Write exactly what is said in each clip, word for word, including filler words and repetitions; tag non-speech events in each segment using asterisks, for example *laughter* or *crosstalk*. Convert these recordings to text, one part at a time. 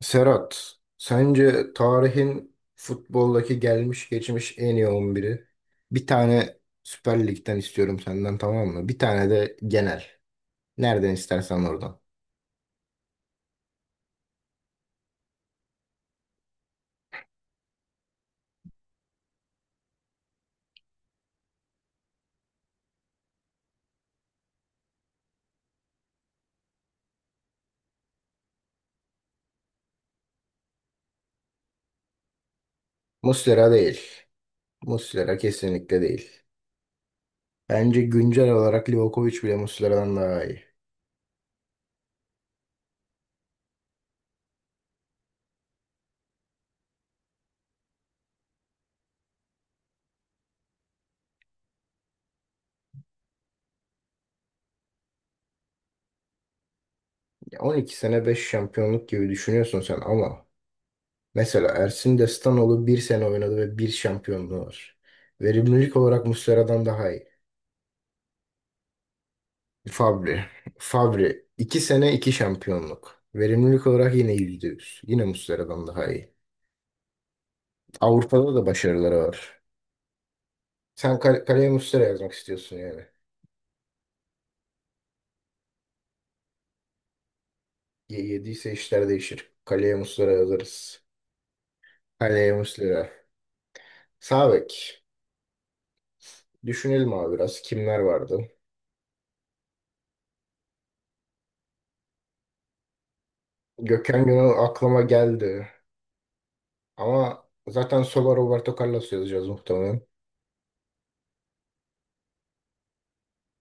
Serhat, sence tarihin futboldaki gelmiş geçmiş en iyi on biri? Bir tane Süper Lig'den istiyorum senden, tamam mı? Bir tane de genel. Nereden istersen oradan. Muslera değil. Muslera kesinlikle değil. Bence güncel olarak Livakovic bile Muslera'dan daha iyi. Ya on iki sene beş şampiyonluk gibi düşünüyorsun sen, ama mesela Ersin Destanoğlu bir sene oynadı ve bir şampiyonluğu var. Verimlilik olarak Muslera'dan daha iyi. Fabri. Fabri. iki sene iki şampiyonluk. Verimlilik olarak yine yüzde yüz. Yine Muslera'dan daha iyi. Avrupa'da da başarıları var. Sen kal- kaleye Muslera yazmak istiyorsun yani. Ye- yediyse işler değişir. Kaleye Muslera yazarız. Kaleye Muslera. Sağ bek. Düşünelim abi biraz. Kimler vardı? Gökhan Gönül aklıma geldi. Ama zaten sola Roberto Carlos yazacağız muhtemelen.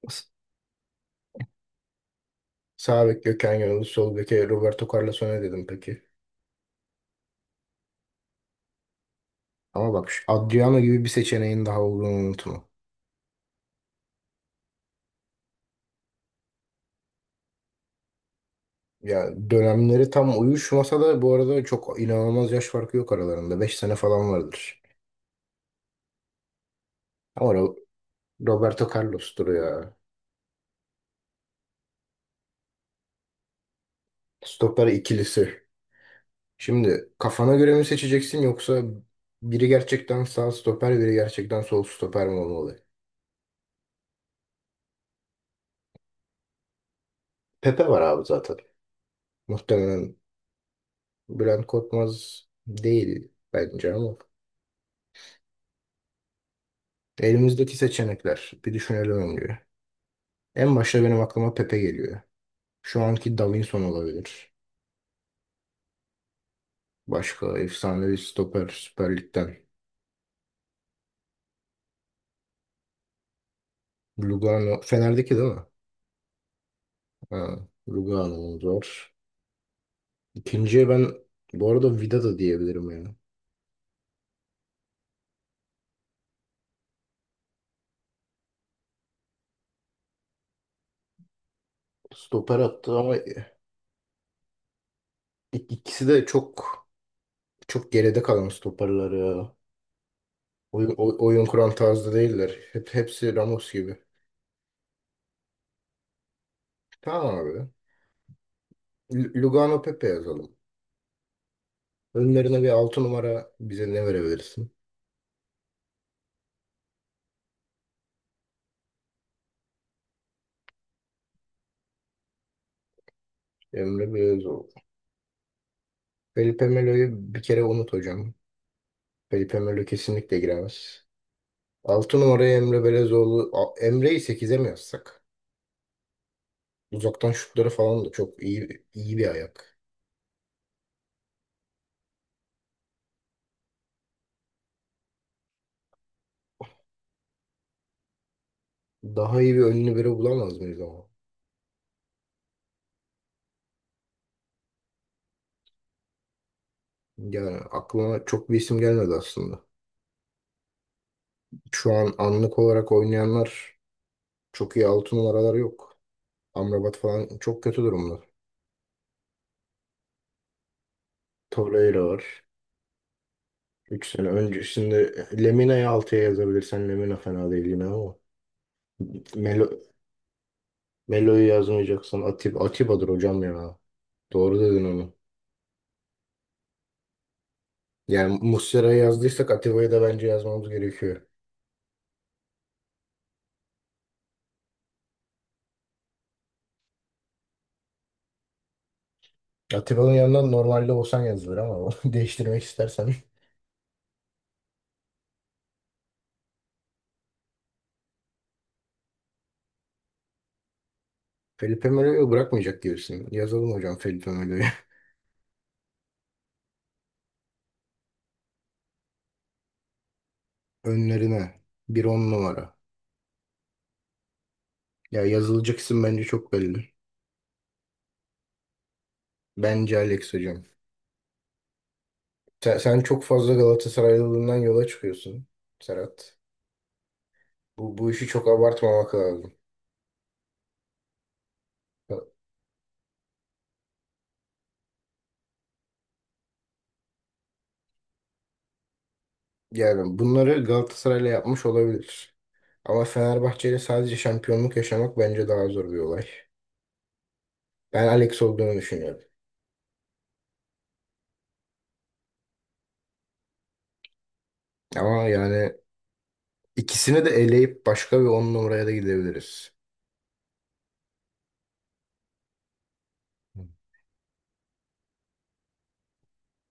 S- Sağ bek Gökhan Gönül, sol beke Roberto Carlos, ne dedim peki? Ama bak şu Adriano gibi bir seçeneğin daha olduğunu unutma. Ya dönemleri tam uyuşmasa da bu arada çok inanılmaz yaş farkı yok aralarında. Beş sene falan vardır. Ama Ro- Roberto Carlos'tur ya. Stoper ikilisi. Şimdi kafana göre mi seçeceksin, yoksa biri gerçekten sağ stoper biri gerçekten sol stoper mi olmalı? Pepe var abi zaten. Muhtemelen Bülent Korkmaz değil bence, ama. Elimizdeki seçenekler bir düşünelim önce. En başta benim aklıma Pepe geliyor. Şu anki Davinson olabilir. Başka efsanevi stoper Süper Lig'den. Lugano. Fener'deki değil mi? Ha, Lugano'muz var. İkinciye ben bu arada Vida da diyebilirim yani. Stoper attı ama ik- ikisi de çok çok geride kalan stoperler ya. Oyun, oy- oyun kuran tarzda değiller. Hep, hepsi Ramos gibi. Tamam abi. L- Lugano Pepe yazalım. Önlerine bir altı numara bize ne verebilirsin? Emre Belözoğlu. Felipe Melo'yu bir kere unut hocam. Kayıp Emirli kesinlikle giremez. altı numaraya Emre Belezoğlu. A- Emre'yi sekize mi yazsak? Uzaktan şutları falan da çok iyi iyi bir ayak. Daha iyi bir önlü biri bulamaz mıyız ama? Yani aklıma çok bir isim gelmedi aslında. Şu an anlık olarak oynayanlar çok iyi altı numaralar yok. Amrabat falan çok kötü durumda. Torreira var. üç sene öncesinde Lemina'yı altıya yazabilirsen Lemina fena değil yine ama. Melo, Melo'yu yazmayacaksan Atib, Atiba'dır hocam ya. Doğru dedin onu. Yani Muslera'ya yazdıysak Atiba'ya da bence yazmamız gerekiyor. Atiba'nın yanından normalde Osan yazılır ama o *laughs* değiştirmek istersen. Felipe Melo'yu bırakmayacak diyorsun. Yazalım hocam Felipe Melo'yu. *laughs* Önlerine. Bir on numara. Ya yazılacak isim bence çok belli. Bence Alex hocam. Sen, sen çok fazla Galatasaraylılığından yola çıkıyorsun Serhat. Bu, bu işi çok abartmamak lazım. Yani bunları Galatasaray'la yapmış olabilir. Ama Fenerbahçe'yle sadece şampiyonluk yaşamak bence daha zor bir olay. Ben Alex olduğunu düşünüyorum. Ama yani ikisini de eleyip başka bir on numaraya da gidebiliriz.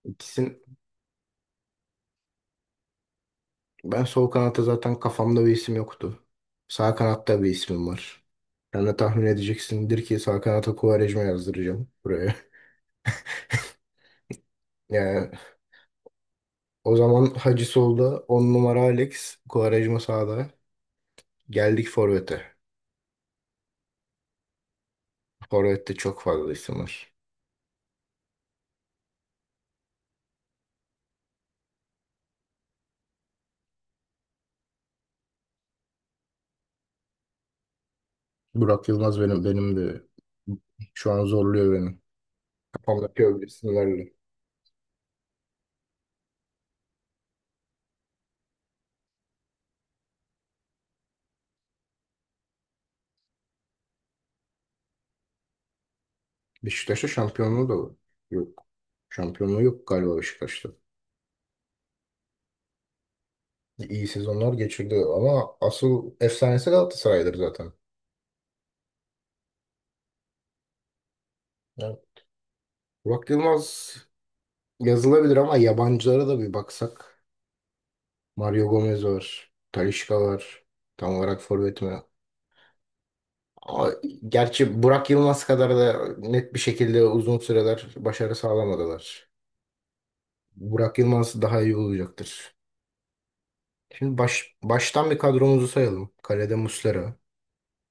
İkisini ben sol kanatta zaten kafamda bir isim yoktu. Sağ kanatta bir ismim var. Sen de tahmin edeceksindir ki sağ kanata Quaresma yazdıracağım buraya. *laughs* Yani o zaman Hacı solda, on numara Alex, Quaresma sağda. Geldik Forvet'e. Forvet'te çok fazla isim var. Burak Yılmaz benim benim de şu an zorluyor beni. Kafamdaki öbür isimlerle. Beşiktaş'ta şampiyonluğu da yok. Şampiyonluğu yok galiba Beşiktaş'ta. İyi sezonlar geçirdi ama asıl efsanesi Galatasaray'dır zaten. Yani Burak Yılmaz yazılabilir ama yabancılara da bir baksak. Mario Gomez var. Talisca var. Tam olarak forvet mi? Ama gerçi Burak Yılmaz kadar da net bir şekilde uzun süreler başarı sağlamadılar. Burak Yılmaz daha iyi olacaktır. Şimdi baş, baştan bir kadromuzu sayalım. Kalede Muslera.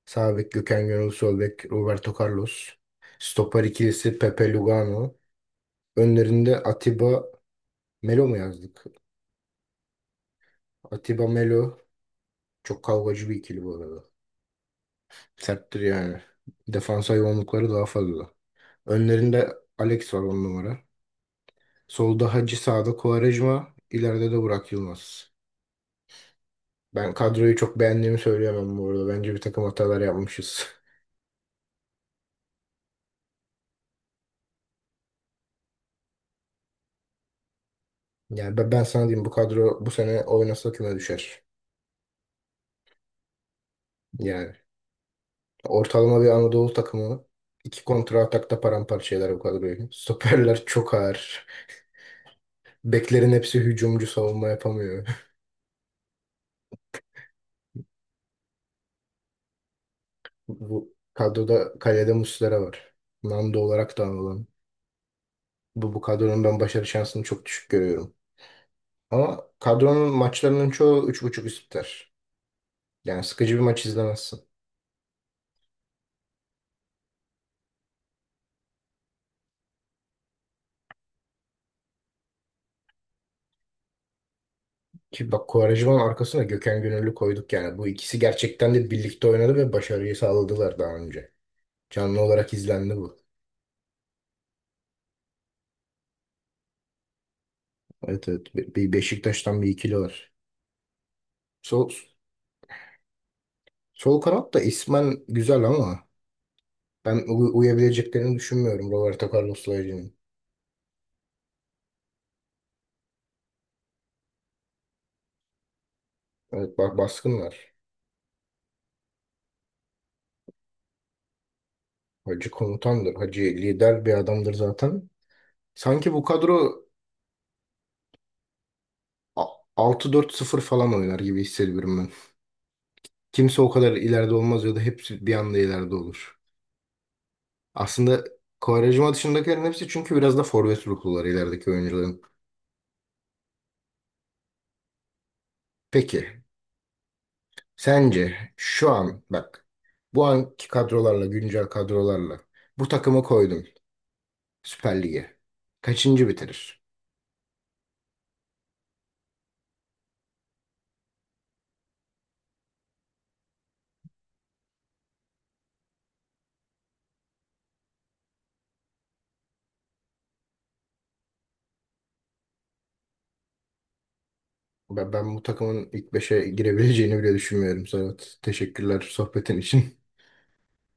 Sağ bek Gökhan Gönül, sol bek Roberto Carlos. Stoper ikilisi Pepe Lugano. Önlerinde Atiba Melo mu yazdık? Atiba Melo çok kavgacı bir ikili bu arada. Serttir yani. Defans hayvanlıkları daha fazla. Önlerinde Alex var on numara. Solda Hacı, sağda Quaresma, ileride de Burak Yılmaz. Ben kadroyu çok beğendiğimi söyleyemem bu arada. Bence bir takım hatalar yapmışız. *laughs* Yani ben, ben sana diyeyim bu kadro bu sene oynasa küme düşer. Yani. Ortalama bir Anadolu takımı iki kontra atakta paramparça eder bu kadroyu. Stoperler çok ağır. Beklerin hepsi hücumcu, savunma yapamıyor. Bu kadroda kalede Muslera var. Nando olarak da anılan. Bu, bu kadronun ben başarı şansını çok düşük görüyorum. Ama kadronun maçlarının çoğu üç buçuk üst biter. Yani sıkıcı bir maç izlemezsin. Ki bak Quaresma'nın arkasına Gökhan Gönüllü koyduk yani. Bu ikisi gerçekten de birlikte oynadı ve başarıyı sağladılar daha önce. Canlı olarak izlendi bu. Evet, evet. Be- Bir Beşiktaş'tan bir ikili var. Sol, Sol kanat da ismen güzel ama ben u- uyabileceklerini düşünmüyorum Roberto Carlos'la Hacı'nın. Evet, bak baskınlar. Hacı komutandır. Hacı lider bir adamdır zaten. Sanki bu kadro a- altı dört-sıfır falan oynar gibi hissediyorum ben. Kimse o kadar ileride olmaz ya da hepsi bir anda ileride olur. Aslında Quaresma dışındakilerin hepsi çünkü biraz da forvet ruhlular ilerideki oyuncuların. Peki. Sence şu an bak bu anki kadrolarla güncel kadrolarla bu takımı koydun Süper Lig'e. Kaçıncı bitirir? Ben, ben bu takımın ilk beşe girebileceğini bile düşünmüyorum. Serhat teşekkürler sohbetin için. *laughs*